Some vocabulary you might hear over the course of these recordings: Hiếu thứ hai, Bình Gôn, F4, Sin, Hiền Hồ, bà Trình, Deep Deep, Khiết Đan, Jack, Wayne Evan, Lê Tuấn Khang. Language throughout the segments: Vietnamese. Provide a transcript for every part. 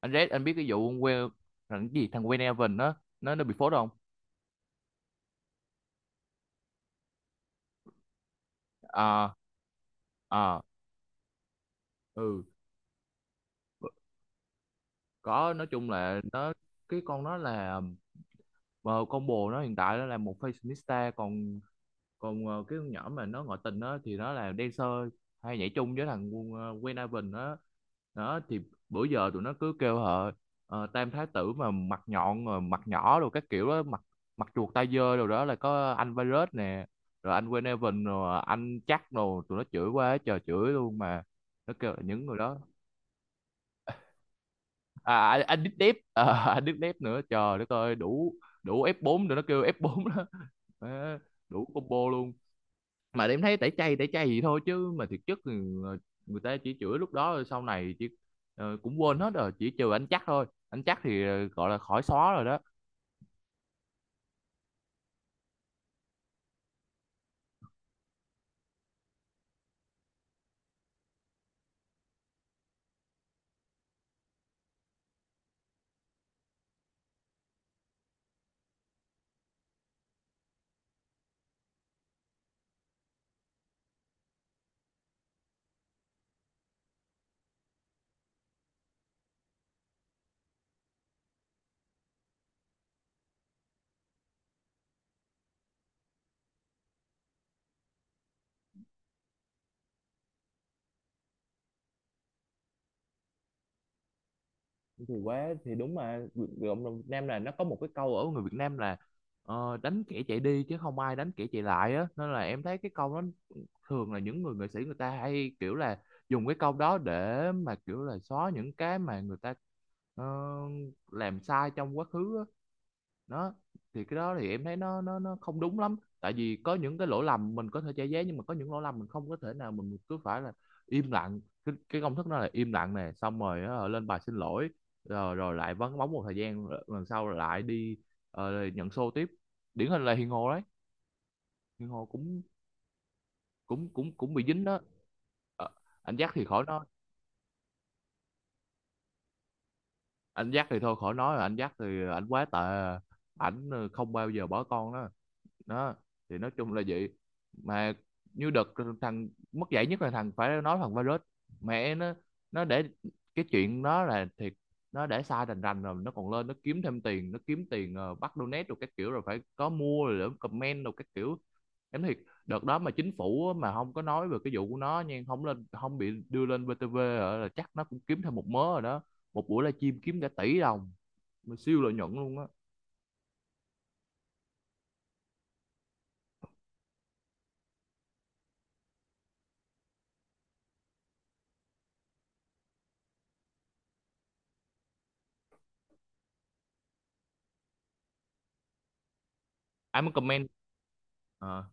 Anh Red, anh biết cái vụ quê thằng cái gì, thằng Wayne Evan đó, nó bị phốt không? À, à, ừ, có. Nói chung là nó, cái con nó là, ờ, con bồ nó hiện tại nó là một fashionista, còn còn cái con nhỏ mà nó ngoại tình đó thì nó là dancer, hay nhảy chung với thằng Wayne Evan á. Đó thì bữa giờ tụi nó cứ kêu họ tam thái tử mà mặt nhọn rồi, mặt nhỏ rồi các kiểu đó, mặt mặt chuột, tay dơ rồi. Đó là có anh virus nè, rồi anh Wayne Evan, rồi anh chắc, rồi tụi nó chửi quá trời, chửi luôn mà. Nó kêu là những người đó, à anh Deep Deep à, anh Deep Deep nữa, trời đất ơi, đủ đủ F4 rồi, nó kêu F4 đó. Má, đủ combo luôn. Mà em thấy tẩy chay gì thôi chứ, mà thực chất thì người ta chỉ chửi lúc đó rồi sau này chỉ cũng quên hết rồi, chỉ trừ anh chắc thôi, anh chắc thì gọi là khỏi xóa rồi đó. Thì quá, thì đúng mà. Cộng đồng Việt Nam là nó có một cái câu, ở người Việt Nam là đánh kẻ chạy đi chứ không ai đánh kẻ chạy lại á, nên là em thấy cái câu đó thường là những người nghệ sĩ, người ta hay kiểu là dùng cái câu đó để mà kiểu là xóa những cái mà người ta ờ, làm sai trong quá khứ á. Đó thì cái đó thì em thấy nó không đúng lắm. Tại vì có những cái lỗi lầm mình có thể che giấu, nhưng mà có những lỗi lầm mình không có thể nào, mình cứ phải là im lặng. Cái công thức đó là im lặng nè, xong rồi á, lên bài xin lỗi, rồi rồi lại vắng bóng một thời gian, lần sau lại đi nhận show tiếp. Điển hình là Hiền Hồ đấy. Hiền Hồ cũng cũng bị dính đó. Ờ, anh Jack thì khỏi nói. Anh Jack thì thôi khỏi nói rồi, anh Jack thì anh quá tệ. Ảnh không bao giờ bỏ con đó. Đó thì nói chung là vậy. Mà như đợt thằng mất dạy nhất là thằng, phải nói, thằng virus. Mẹ nó. Nó để cái chuyện đó là thiệt, nó để sai rành rành rồi, nó còn lên, nó kiếm thêm tiền, nó kiếm tiền bắt donate rồi các kiểu, rồi phải có mua rồi để comment rồi các kiểu. Em thiệt, đợt đó mà chính phủ á, mà không có nói về cái vụ của nó nha, không lên, không bị đưa lên VTV hả, là chắc nó cũng kiếm thêm một mớ rồi đó. Một buổi livestream kiếm cả tỷ đồng, mà siêu lợi nhuận luôn á. Ai muốn comment. Ờ.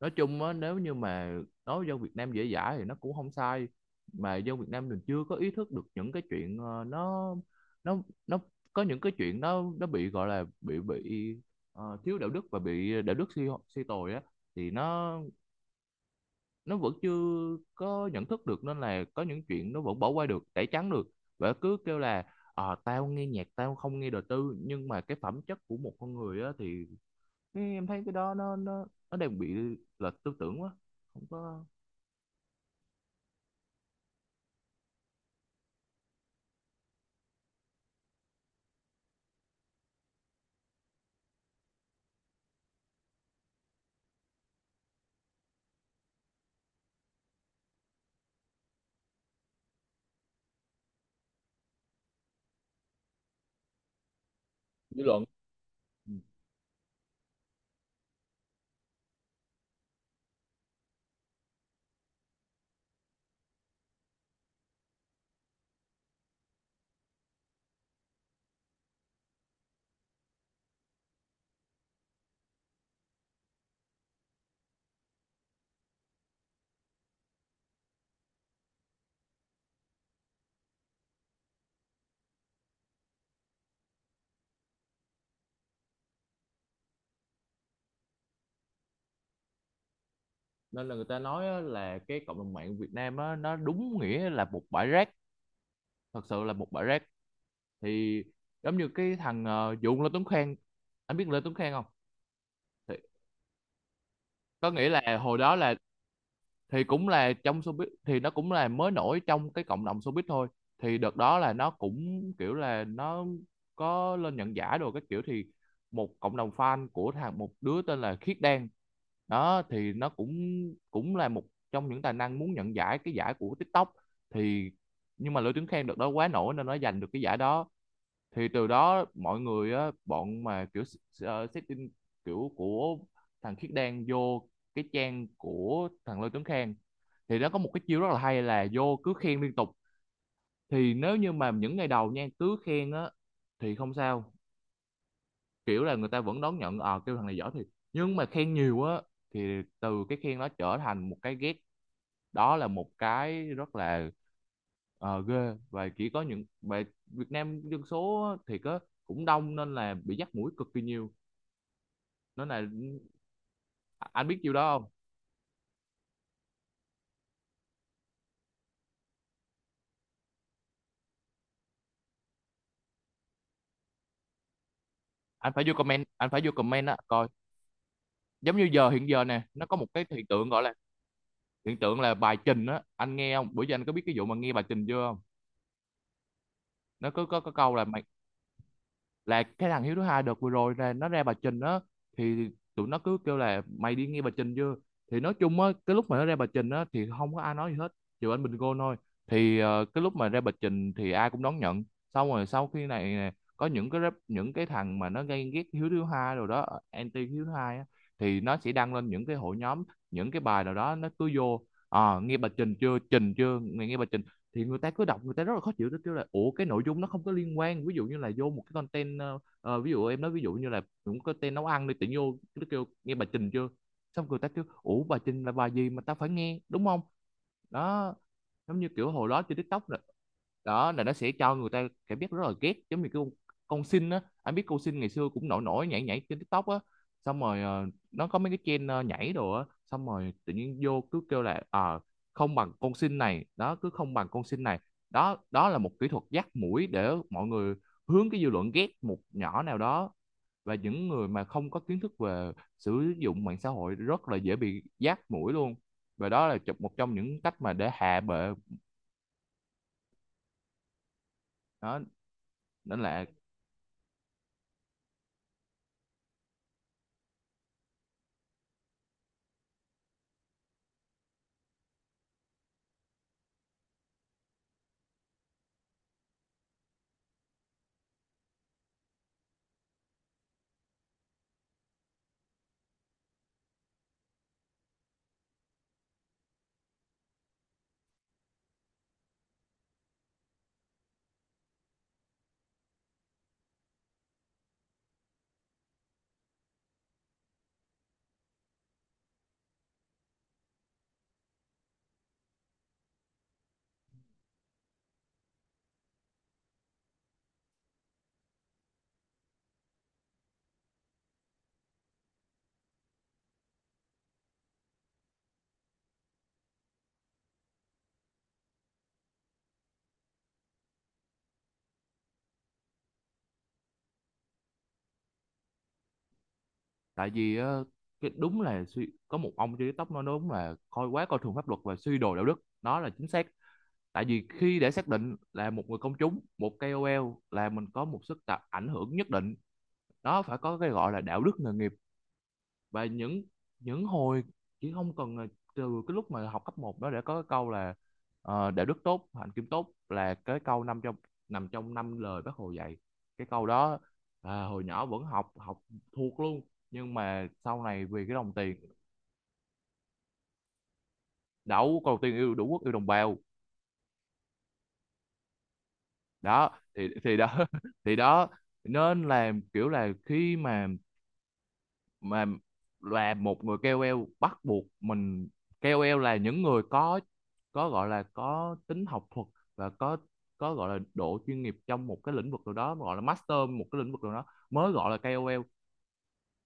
Nói chung á, nếu như mà nói dân Việt Nam dễ dãi thì nó cũng không sai. Mà dân Việt Nam mình chưa có ý thức được những cái chuyện ờ, nó nó có những cái chuyện nó bị gọi là bị thiếu đạo đức và bị đạo đức suy suy tồi á, thì nó vẫn chưa có nhận thức được, nên là có những chuyện nó vẫn bỏ qua được, tẩy trắng được. Và cứ kêu là tao nghe nhạc, tao không nghe đời tư, nhưng mà cái phẩm chất của một con người á thì, thế em thấy cái đó nó đang bị lệch tư tưởng quá, không có dư luận. Ừ. Nên là người ta nói á, là cái cộng đồng mạng Việt Nam á, nó đúng nghĩa là một bãi rác, thật sự là một bãi rác. Thì giống như cái thằng Lê Tuấn Khang, anh biết Lê Tuấn Khang không? Thì có nghĩa là hồi đó là, thì cũng là trong showbiz, thì nó cũng là mới nổi trong cái cộng đồng showbiz thôi. Thì đợt đó là nó cũng kiểu là nó có lên nhận giải đồ các kiểu. Thì một cộng đồng fan của thằng, một đứa tên là Khiết Đan, đó thì nó cũng cũng là một trong những tài năng muốn nhận giải, cái giải của TikTok. Thì nhưng mà Lữ Tuấn Khang đợt đó quá nổi nên nó giành được cái giải đó. Thì từ đó mọi người á, bọn mà kiểu setting kiểu của thằng Khiết Đan vô cái trang của thằng Lê Tuấn Khang, thì nó có một cái chiêu rất là hay là vô cứ khen liên tục. Thì nếu như mà những ngày đầu nha cứ khen á thì không sao, kiểu là người ta vẫn đón nhận, ờ kêu thằng này giỏi thiệt. Nhưng mà khen nhiều á, thì từ cái khen nó trở thành một cái ghét. Đó là một cái rất là ghê. Và chỉ có những, và Việt Nam dân số á thì có cũng đông nên là bị dắt mũi cực kỳ nhiều. Nên là, à, anh biết điều đó không? Anh phải vô comment, anh phải vô comment á coi. Giống như giờ, hiện giờ nè, nó có một cái hiện tượng gọi là, hiện tượng là bài trình á, anh nghe không? Bữa giờ anh có biết cái vụ mà nghe bài trình chưa không? Nó có có câu là mày, là cái thằng Hiếu thứ hai đợt vừa rồi là nó ra bà Trình á, thì tụi nó cứ kêu là mày đi nghe bà Trình chưa. Thì nói chung á, cái lúc mà nó ra bà Trình á thì không có ai nói gì hết, trừ anh Bình Gôn thôi. Thì cái lúc mà ra bà Trình thì ai cũng đón nhận. Xong rồi sau khi này nè, có những cái rap, những cái thằng mà nó gay ghét Hiếu thứ hai rồi đó, anti Hiếu thứ hai á, thì nó sẽ đăng lên những cái hội nhóm, những cái bài nào đó, nó cứ vô, à, nghe bà Trình chưa, Trình chưa, mày nghe bà Trình. Thì người ta cứ đọc, người ta rất là khó chịu, tôi kêu là ủa cái nội dung nó không có liên quan, ví dụ như là vô một cái content ví dụ em nói ví dụ như là cũng có tên nấu ăn đi, tự nhiên vô nó kêu nghe bà Trình chưa. Xong người ta kêu ủa bà Trình là bà gì mà tao phải nghe, đúng không? Đó, giống như kiểu hồi đó trên TikTok là, đó là nó sẽ cho người ta cảm giác rất là ghét. Giống như con Sin á, anh biết con Sin ngày xưa cũng nổi nổi, nhảy nhảy trên TikTok á. Xong rồi nó có mấy cái trend nhảy đồ á, xong rồi tự nhiên vô cứ kêu là à, không bằng con sinh này đó, cứ không bằng con sinh này. Đó, đó là một kỹ thuật dắt mũi để mọi người hướng cái dư luận ghét một nhỏ nào đó. Và những người mà không có kiến thức về sử dụng mạng xã hội rất là dễ bị dắt mũi luôn. Và đó là một trong những cách mà để hạ bệ. Đó, nên là, tại vì cái đúng là có một ông trên TikTok nói đúng là coi quá, coi thường pháp luật và suy đồi đạo đức, đó là chính xác. Tại vì khi để xác định là một người công chúng, một KOL, là mình có một sức tạo ảnh hưởng nhất định, nó phải có cái gọi là đạo đức nghề nghiệp. Và những hồi chỉ không cần là, từ cái lúc mà học cấp một đó để có cái câu là đạo đức tốt, hạnh kiểm tốt, là cái câu nằm trong, nằm trong năm lời bác Hồ dạy, cái câu đó. À, hồi nhỏ vẫn học, học thuộc luôn. Nhưng mà sau này vì cái đồng tiền, đấu cầu tiền, yêu đủ quốc, yêu đồng bào. Đó thì đó thì đó. Nên là kiểu là khi mà là một người KOL bắt buộc mình, KOL là những người có gọi là có tính học thuật và có gọi là độ chuyên nghiệp trong một cái lĩnh vực nào đó, gọi là master một cái lĩnh vực nào đó, mới gọi là KOL.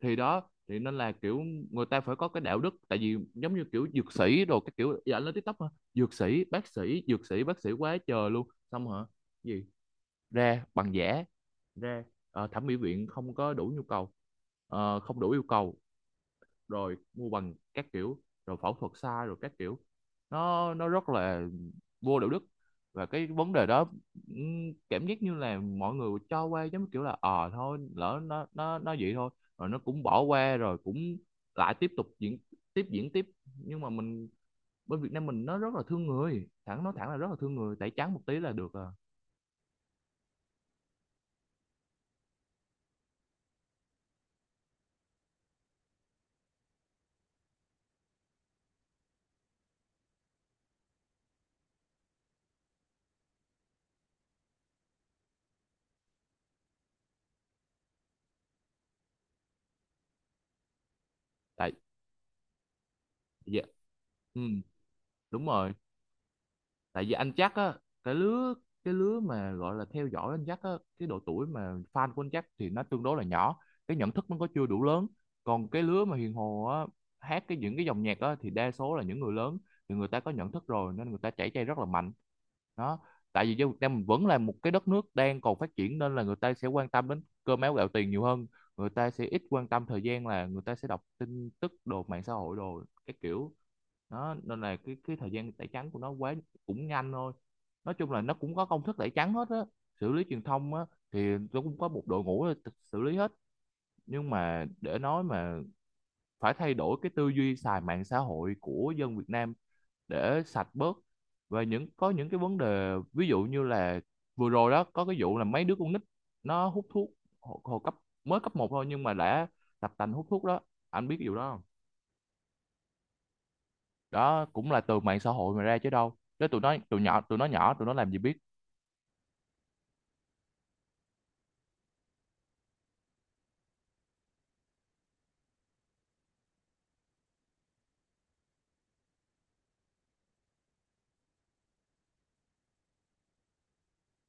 Thì đó, thì nên là kiểu người ta phải có cái đạo đức. Tại vì giống như kiểu dược sĩ đồ cái kiểu, dạ anh lên TikTok hả, dược sĩ bác sĩ, dược sĩ bác sĩ quá trời luôn, xong hả, gì, ra bằng giả, ra thẩm mỹ viện không có đủ nhu cầu. Ờ, không đủ yêu cầu, rồi mua bằng các kiểu, rồi phẫu thuật sai rồi các kiểu. Nó rất là vô đạo đức. Và cái vấn đề đó, cảm giác như là mọi người cho qua, giống kiểu là ờ thôi lỡ nó vậy thôi, rồi nó cũng bỏ qua rồi cũng lại tiếp tục diễn, tiếp diễn tiếp. Nhưng mà mình, bên Việt Nam mình nó rất là thương người, thẳng nói thẳng là rất là thương người, tẩy trắng một tí là được à. Tại dạ, ừ, đúng rồi. Tại vì anh chắc á, cái lứa, cái lứa mà gọi là theo dõi anh chắc á, cái độ tuổi mà fan của anh chắc thì nó tương đối là nhỏ, cái nhận thức nó có chưa đủ lớn. Còn cái lứa mà Hiền Hồ á, hát cái những cái dòng nhạc á, thì đa số là những người lớn, thì người ta có nhận thức rồi nên người ta chảy chay rất là mạnh. Đó, tại vì dân Việt Nam mình vẫn là một cái đất nước đang còn phát triển, nên là người ta sẽ quan tâm đến cơm áo gạo tiền nhiều hơn. Người ta sẽ ít quan tâm thời gian, là người ta sẽ đọc tin tức đồ, mạng xã hội đồ cái kiểu. Đó, nên là cái thời gian tẩy trắng của nó quá, cũng nhanh thôi. Nói chung là nó cũng có công thức tẩy trắng hết á, xử lý truyền thông á, thì nó cũng có một đội ngũ xử lý hết. Nhưng mà để nói mà phải thay đổi cái tư duy xài mạng xã hội của dân Việt Nam để sạch bớt. Và những, có những cái vấn đề ví dụ như là vừa rồi đó có cái vụ là mấy đứa con nít nó hút thuốc, hồi cấp, mới cấp một thôi nhưng mà đã tập tành hút thuốc đó, anh biết cái vụ đó không? Đó cũng là từ mạng xã hội mà ra chứ đâu, đó tụi nó, tụi nhỏ, tụi nó nhỏ tụi nó làm gì biết.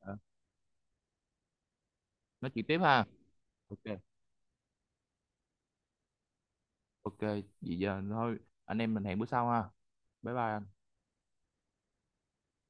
Ờ, nói chuyện tiếp ha. Ok. Ok vậy giờ thôi, anh em mình hẹn bữa sau ha. Bye bye anh.